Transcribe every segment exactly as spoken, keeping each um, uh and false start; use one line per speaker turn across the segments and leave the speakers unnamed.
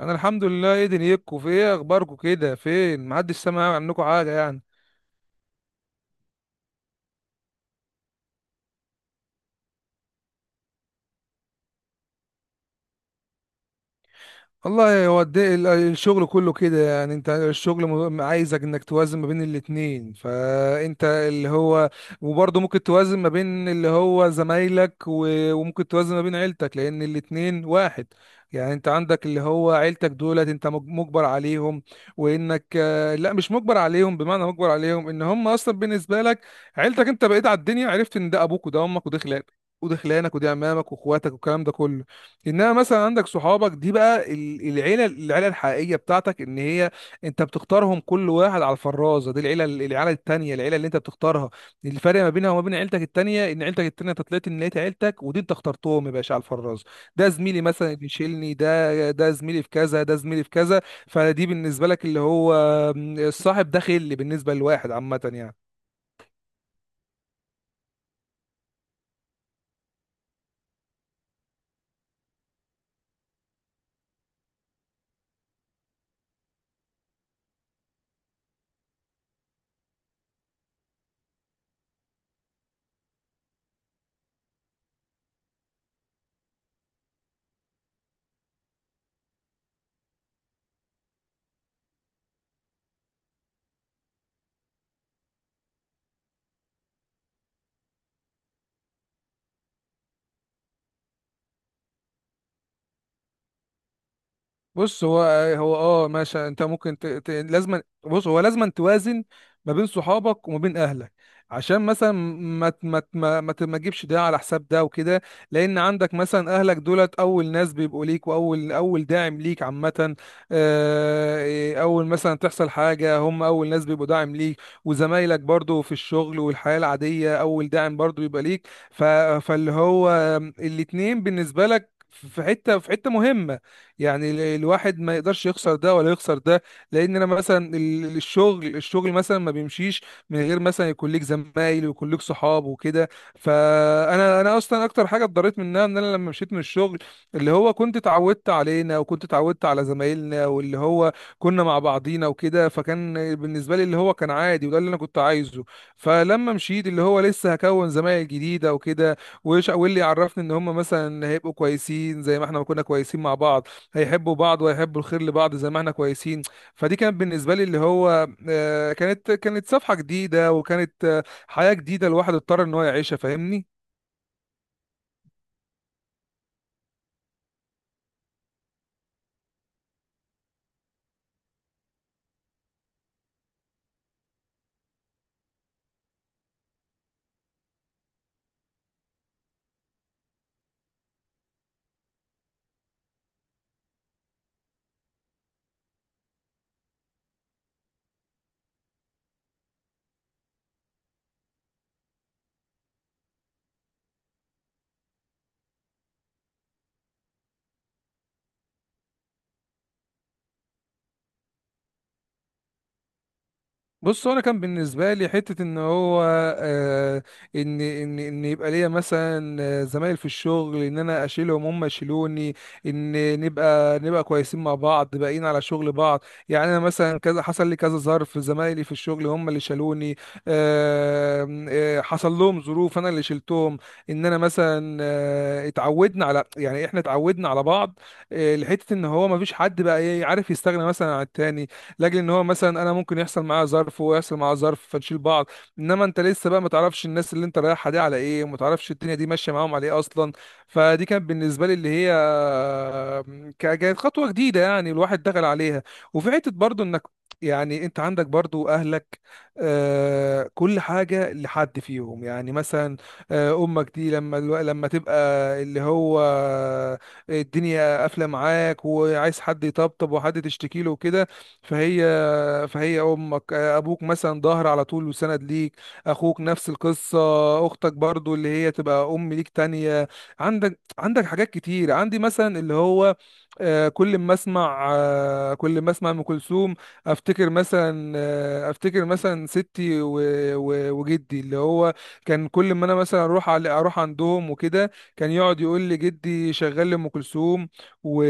انا الحمد لله ايدن يكو، في ايه اخباركم كده؟ فين محدش سمع عنكم حاجه يعني. والله هو الد- ال- الشغل كله كده يعني. انت الشغل م- عايزك انك توازن ما بين الاتنين، فانت اللي هو وبرضه ممكن توازن ما بين اللي هو زمايلك و- وممكن توازن ما بين عيلتك، لان الاتنين واحد يعني. انت عندك اللي هو عيلتك دولت انت مج- مجبر عليهم، وانك آه، لا، مش مجبر عليهم، بمعنى مجبر عليهم ان هم اصلا بالنسبة لك عيلتك. انت بقيت على الدنيا عرفت ان ده ابوك وده امك وده خلانك وده خلانك ودي عمامك واخواتك والكلام ده كله. انما مثلا عندك صحابك دي بقى ال- العيله، العيله الحقيقيه بتاعتك ان هي انت بتختارهم كل واحد على الفرازه. دي العيله، العيله التانيه، العيله اللي انت بتختارها. الفرق ما بينها وما بين عيلتك التانيه ان عيلتك التانيه انت طلعت ان لقيت عيلتك، ودي انت اخترتهم يا باشا على الفرازه. ده زميلي مثلا اللي يشيلني، ده ده زميلي في كذا، ده زميلي في كذا. فدي بالنسبه لك اللي هو الصاحب، ده خل بالنسبه لواحد عامه يعني. بص هو، هو اه ماشي، انت ممكن ت... ت... لازم بص هو لازم توازن ما بين صحابك وما بين اهلك، عشان مثلا ما ت- ما ت- ما ما ت- ما تجيبش ده على حساب ده وكده. لان عندك مثلا اهلك دولت اول ناس بيبقوا ليك، واول اول داعم ليك عامه. آه، اول مثلا تحصل حاجه هم اول ناس بيبقوا داعم ليك. وزمايلك برضو في الشغل والحياه العاديه اول داعم برضو بيبقى ليك. ف... فاللي هو الاتنين بالنسبه لك في حته، في حته مهمه يعني. ال- الواحد ما يقدرش يخسر ده ولا يخسر ده. لان انا مثلا ال- الشغل الشغل مثلا ما بيمشيش من غير مثلا يكون ليك زمايل ويكون ليك صحاب وكده. فانا انا اصلا اكتر حاجه اتضريت منها ان انا لما مشيت من الشغل اللي هو كنت اتعودت علينا، وكنت اتعودت على زمايلنا، واللي هو كنا مع بعضينا وكده. فكان بالنسبه لي اللي هو كان عادي، وده اللي انا كنت عايزه. فلما مشيت اللي هو لسه هكون زمايل جديده وكده، وش- واللي يعرفني ان هم مثلا هيبقوا كويسين زي ما احنا ما كنا كويسين مع بعض، هيحبوا بعض وهيحبوا الخير لبعض زي ما احنا كويسين. فدي كانت بالنسبة لي اللي هو آه، كانت كانت صفحة جديدة، وكانت آه، حياة جديدة الواحد اضطر ان هو يعيشها، فاهمني. بص هو انا كان بالنسبه لي حته ان هو آه، ان ان ان يبقى ليا مثلا آه، زمايل في الشغل ان انا اشيلهم هم يشيلوني، ان نبقى نبقى كويسين مع بعض باقيين على شغل بعض. يعني انا مثلا كذا حصل لي كذا ظرف زمايلي في الشغل هم اللي شالوني، آه آه، حصل لهم ظروف انا اللي شلتهم. ان انا مثلا آه، اتعودنا على يعني احنا اتعودنا على بعض، آه، لحته ان هو ما فيش حد بقى إيه، عارف يستغنى مثلا عن التاني، لاجل ان هو مثلا انا ممكن يحصل معايا ظرف وهو يحصل معاه ظرف فنشيل بعض. انما انت لسه بقى ما تعرفش الناس اللي انت رايحها دي على ايه، وما تعرفش الدنيا دي ماشيه معاهم على ايه اصلا. فدي كانت بالنسبه لي اللي هي ك- كانت خطوه جديده يعني، الواحد دخل عليها. وفي حته برضو انك يعني انت عندك برضو اهلك، آه، كل حاجه لحد فيهم يعني. مثلا آه، امك دي لما الو- لما تبقى اللي هو الدنيا قافله معاك وعايز حد يطبطب وحد تشتكي له وكده، فهي فهي امك ابوك مثلا ظهر على طول وسند ليك. اخوك نفس القصه. اختك برضو اللي هي تبقى ام ليك تانية. عندك عندك حاجات كتير. عندي مثلا اللي هو آه، كل ما اسمع آه، كل ما اسمع ام كلثوم افتكر مثلا آه، افتكر مثلا ستي و- و- وجدي. اللي هو كان كل ما انا مثلا اروح على اروح عندهم وكده كان يقعد يقول لي جدي شغال لام كلثوم، و...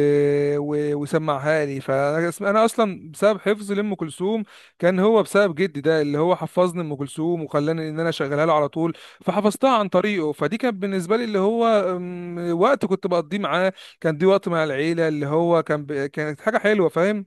و... وسمعها لي. فانا اسم- انا اصلا بسبب حفظي لام كلثوم كان هو بسبب جدي ده اللي هو حفظني ام كلثوم وخلاني ان انا اشغلها له على طول. فحفظتها عن طريقه. فدي كانت بالنسبه لي اللي هو أم، وقت كنت بقضيه معاه. كان دي وقت مع العيله، اللي هو كان ب... كانت حاجه حلوه، فاهم.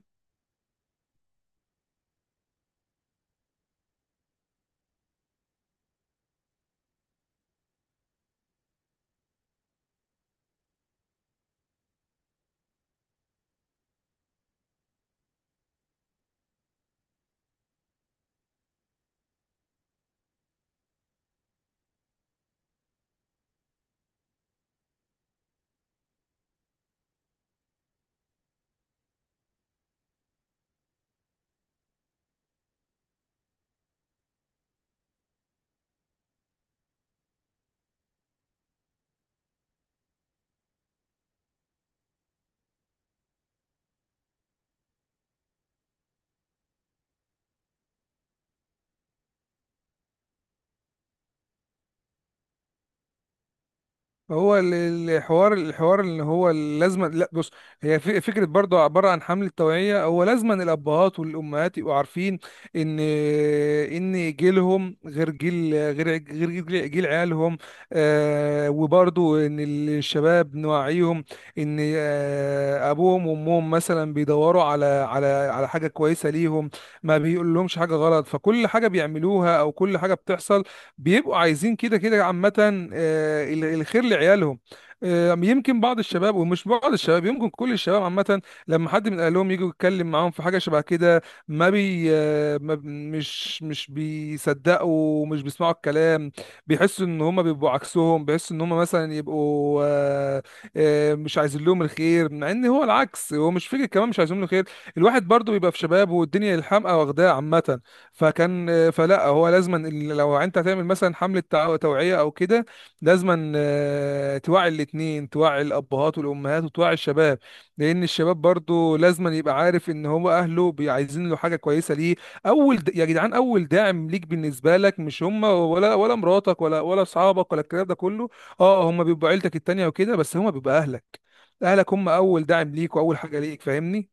هو ال- الحوار الحوار اللي هو لازم، لا بص، هي في- فكره برضه عباره عن حمله توعيه. هو لازم أن الابهات والامهات يبقوا عارفين ان ان جيلهم غير جيل، غير ع- غير جيل جيل عيالهم. آه، وبرضه ان الشباب نوعيهم ان آه، ابوهم وامهم مثلا بيدوروا على على على حاجه كويسه ليهم، ما بيقولهمش حاجه غلط، فكل حاجه بيعملوها او كل حاجه بتحصل بيبقوا عايزين كده كده عامة. آه، ال- الخير لعيالهم. آه، يمكن بعض الشباب ومش بعض الشباب، يمكن كل الشباب عامة لما حد من أهلهم يجي يتكلم معاهم في حاجة شبه كده ما بي آه، ما ب- مش مش بيصدقوا ومش بيسمعوا الكلام. بيحسوا إن هما بيبقوا عكسهم، بيحسوا إن هما مثلا يبقوا آه، آه، مش عايزين لهم الخير، مع إن هو العكس هو مش فكرة، كمان مش عايزين له خير. الواحد برضه بيبقى في شبابه والدنيا الحمقى واخداه عامة. فكان، فلا هو لازما ال- لو انت هتعمل مثلا حمله تع- توعيه او كده لازما آه، توعي الاثنين، توعي الابهات والامهات وتوعي الشباب، لان الشباب برضو لازما يبقى عارف ان هو اهله بي- عايزين له حاجه كويسه ليه. اول د- يا جدعان، اول داعم ليك بالنسبه لك مش هم، ولا ولا مراتك، ولا ولا اصحابك ولا الكلام ده كله. اه هم بيبقوا عيلتك التانيه وكده، بس هم بيبقى اهلك. اهلك هم اول داعم ليك واول حاجه ليك، فاهمني.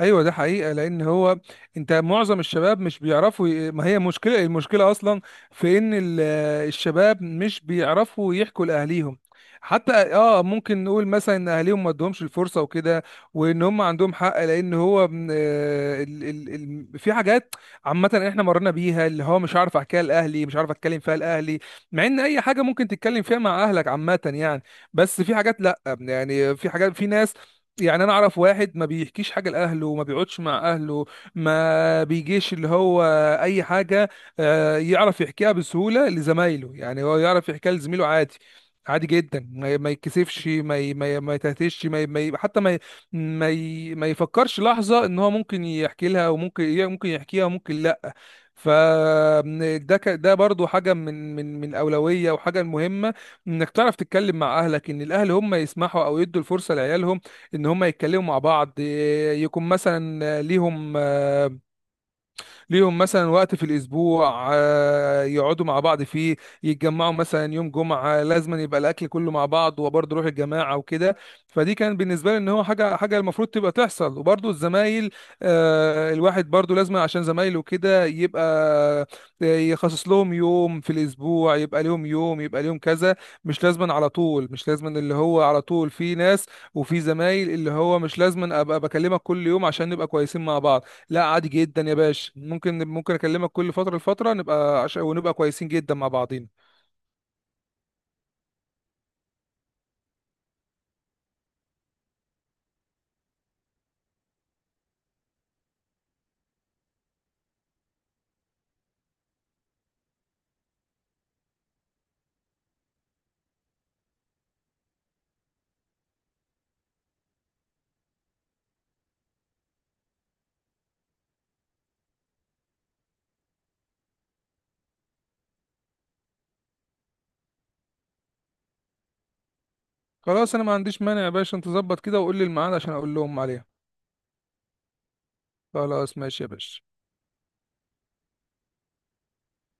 ايوه، ده حقيقه. لان هو انت معظم الشباب مش بيعرفوا ي- ما هي مشكله، المشكله اصلا في ان ال- الشباب مش بيعرفوا يحكوا لاهليهم. حتى اه ممكن نقول مثلا ان اهليهم ما ادهمش الفرصه وكده، وان هم عندهم حق. لان هو م- آه، ال ال ال في حاجات عامه احنا مرينا بيها اللي هو مش عارف احكيها لاهلي، مش عارف اتكلم فيها لاهلي، مع ان اي حاجه ممكن تتكلم فيها مع اهلك عامه يعني. بس في حاجات لا يعني، في حاجات في ناس يعني. انا اعرف واحد ما بيحكيش حاجه لاهله وما بيقعدش مع اهله، ما بيجيش اللي هو اي حاجه، آه، يعرف يحكيها بسهوله لزمايله. يعني هو يعرف يحكيها لزميله عادي، عادي جدا، ما ما يتكسفش، ما ي- ما ي- ما يتهتش، ما ي- ما ي- حتى ما ي- ما ي- ما يفكرش لحظه ان هو ممكن يحكي لها، وممكن ممكن يحكيها وممكن لا. ف ده ك- ده برضو حاجه من من من اولويه، وحاجه مهمه انك تعرف تتكلم مع اهلك، ان الاهل هم يسمحوا او يدوا الفرصه لعيالهم ان هم يتكلموا مع بعض. إيه، يكون مثلا ليهم، ليهم مثلا وقت في الاسبوع آه، يقعدوا مع بعض فيه. يتجمعوا مثلا يوم جمعه، لازما يبقى الاكل كله مع بعض وبرضه روح الجماعه وكده. فدي كان بالنسبه لي ان هو حاجه حاجه المفروض تبقى تحصل. وبرضه الزمايل آه، الواحد برضه لازم عشان زمايله كده يبقى آه، يخصص لهم يوم في الاسبوع، يبقى لهم يوم، يبقى لهم كذا. مش لازما على طول، مش لازما اللي هو على طول. في ناس وفي زمايل اللي هو مش لازما ابقى بكلمك كل يوم عشان نبقى كويسين مع بعض. لا، عادي جدا يا باشا، ممكن ممكن اكلمك كل فتره لفتره نبقى عش... ونبقى كويسين جدا مع بعضينا. خلاص، انا ما عنديش مانع يا باشا، انت ظبط كده وقول لي الميعاد عشان اقول لهم عليها. خلاص ماشي يا باشا.